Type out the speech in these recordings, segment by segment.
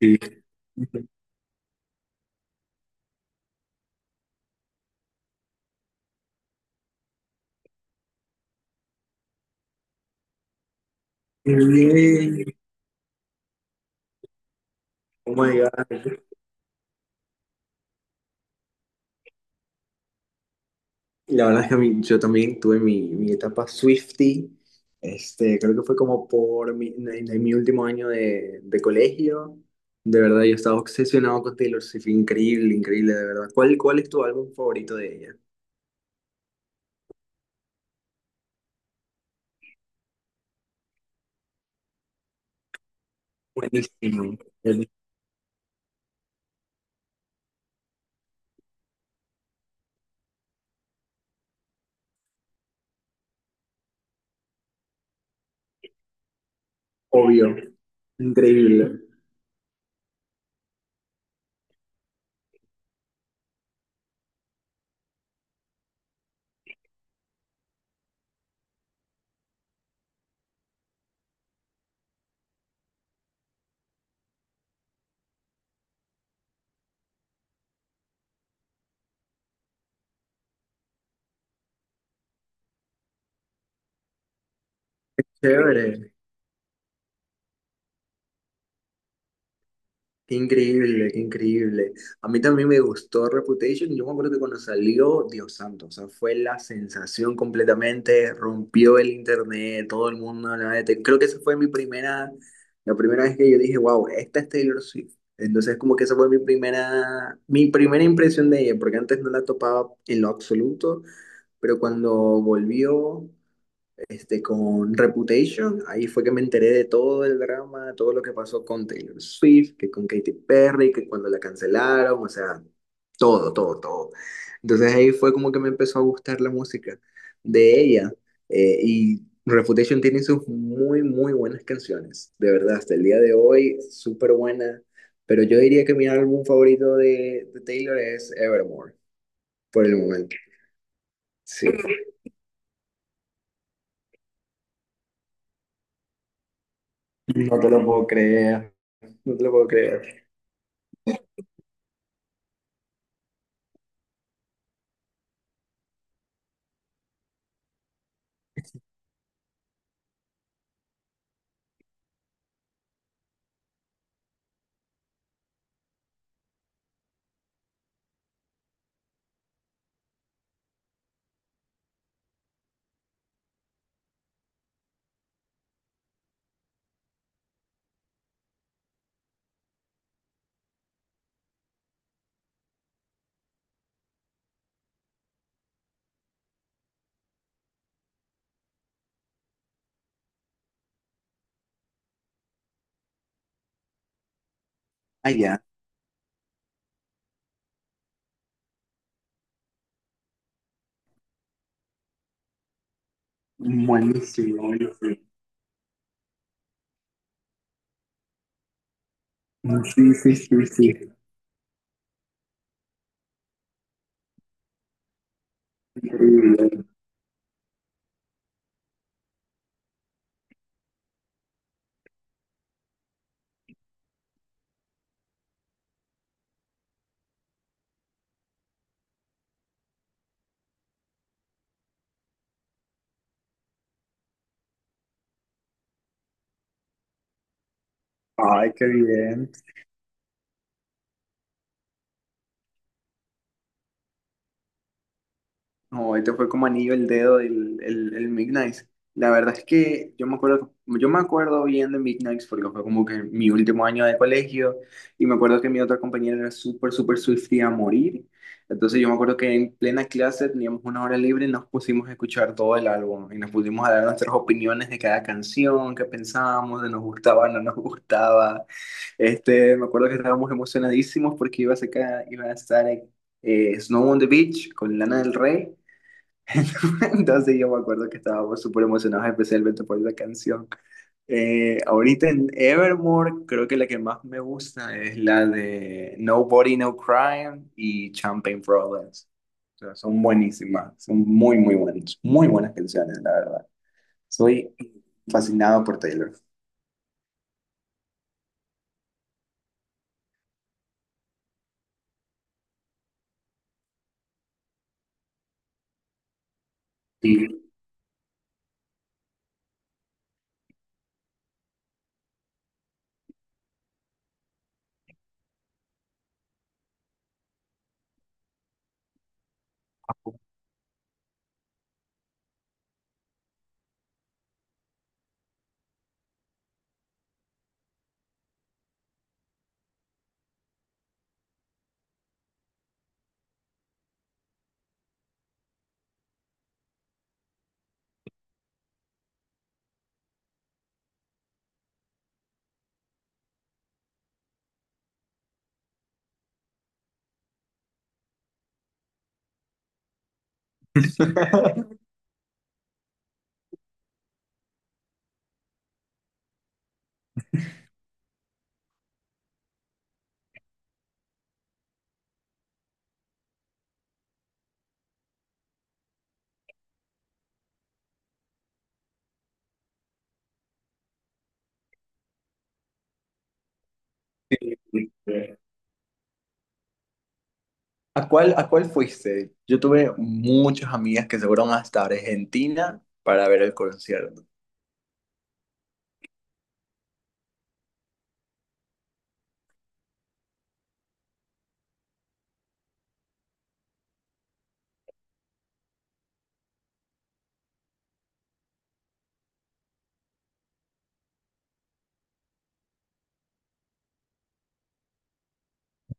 Sí. Qué bien. Oh my God. La verdad es que yo también tuve mi etapa Swiftie. Creo que fue como por en mi último año de colegio. De verdad, yo estaba obsesionado con Taylor Swift. Increíble, increíble, de verdad. ¿Cuál es tu álbum favorito de ella? Buenísimo. El- Obvio. Increíble. Chévere. Qué increíble, qué increíble. A mí también me gustó Reputation. Yo me acuerdo que cuando salió, Dios santo, o sea, fue la sensación completamente, rompió el internet, todo el mundo hablaba de Taylor. Creo que esa fue mi primera, la primera vez que yo dije, wow, esta es Taylor Swift. Entonces, como que esa fue mi primera impresión de ella, porque antes no la topaba en lo absoluto, pero cuando volvió, con Reputation. Ahí fue que me enteré de todo el drama, todo lo que pasó con Taylor Swift, que con Katy Perry, que cuando la cancelaron, o sea, todo, todo, todo. Entonces ahí fue como que me empezó a gustar la música de ella. Y Reputation tiene sus muy, muy buenas canciones, de verdad, hasta el día de hoy, súper buena. Pero yo diría que mi álbum favorito de Taylor es Evermore, por el momento. Sí. No te lo puedo creer, no te lo puedo creer. Ah, ya. Buenísimo, buenísimo. Sí, sí, sí, sí. Ay, qué bien. No, este fue como anillo el dedo el Midnight. La verdad es que yo me acuerdo bien de Midnight porque fue como que mi último año de colegio y me acuerdo que mi otra compañera era súper, súper Swiftie a morir. Entonces yo me acuerdo que en plena clase teníamos una hora libre y nos pusimos a escuchar todo el álbum y nos pusimos a dar nuestras opiniones de cada canción, qué pensábamos, de nos gustaba, no nos gustaba. Me acuerdo que estábamos emocionadísimos porque iba a estar en Snow on the Beach con Lana del Rey. Entonces yo me acuerdo que estábamos súper emocionados, especialmente por esa canción. Ahorita en Evermore, creo que la que más me gusta es la de Nobody, No Crime y Champagne Problems. O sea, son buenísimas, son muy, muy buenas canciones, la verdad. Soy fascinado por Taylor. Y- a cuál fuiste? Yo tuve muchas amigas que se fueron hasta Argentina para ver el concierto.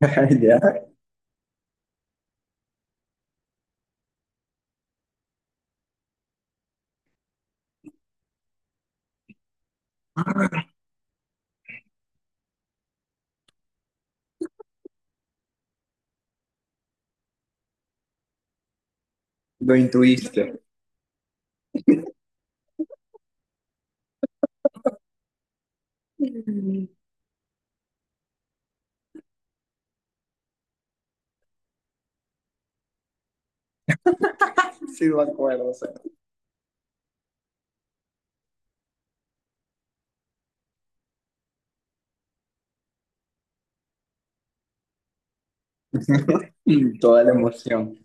Ya. Lo intuiste. Sí, me acuerdo, o sea, toda la emoción.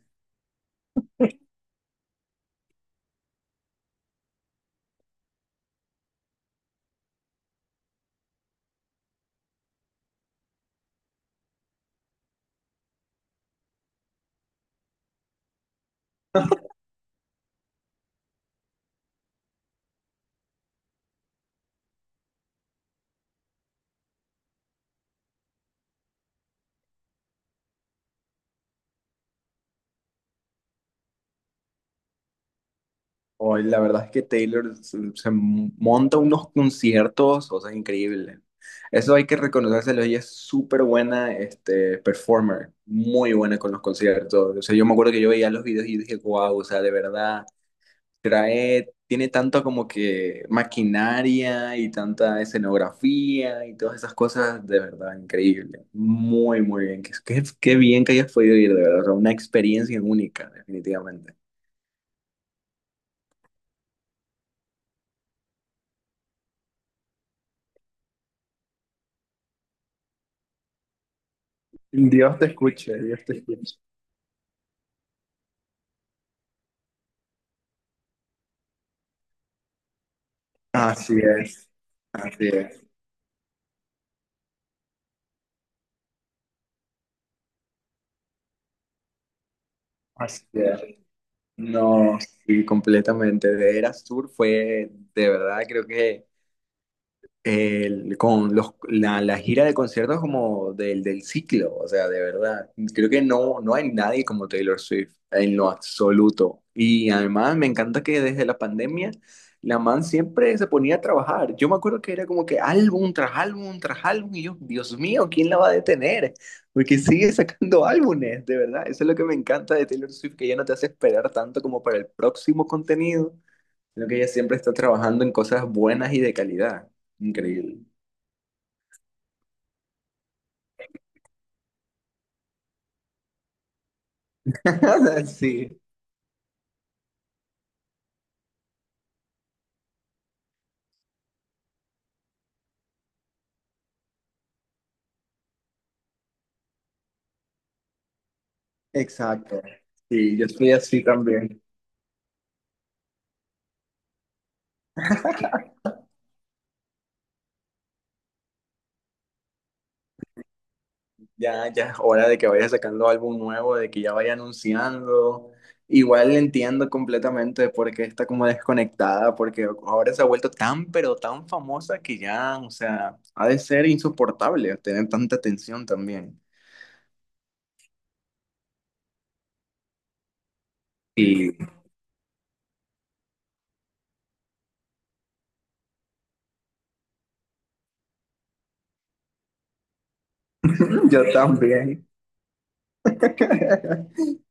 Hoy la verdad es que Taylor se, se monta unos conciertos, o sea, increíble. Eso hay que reconocérselo, ella es súper buena, performer, muy buena con los conciertos. O sea, yo me acuerdo que yo veía los videos y dije, wow, o sea, de verdad. Trae, tiene tanto como que maquinaria y tanta escenografía y todas esas cosas, de verdad, increíble. Muy, muy bien. Qué bien que hayas podido ir, de verdad. O sea, una experiencia única, definitivamente. Dios te escuche, Dios te escuche. Así es, así es. Así es. No, sí, completamente. De Eras Tour fue, de verdad, creo que... Con la gira de conciertos como del ciclo, o sea, de verdad. Creo que no, no hay nadie como Taylor Swift en lo absoluto. Y además me encanta que desde la pandemia la man siempre se ponía a trabajar. Yo me acuerdo que era como que álbum tras álbum tras álbum y yo, Dios mío, ¿quién la va a detener? Porque sigue sacando álbumes, de verdad. Eso es lo que me encanta de Taylor Swift, que ya no te hace esperar tanto como para el próximo contenido. Sino que ella siempre está trabajando en cosas buenas y de calidad. Increíble. Sí, exacto. Sí, yo estoy así también. Ya, ya es hora de que vaya sacando álbum nuevo, de que ya vaya anunciando. Igual entiendo completamente por qué está como desconectada, porque ahora se ha vuelto tan, pero tan famosa que ya, o sea, ha de ser insoportable tener tanta atención también. Y yo también. Es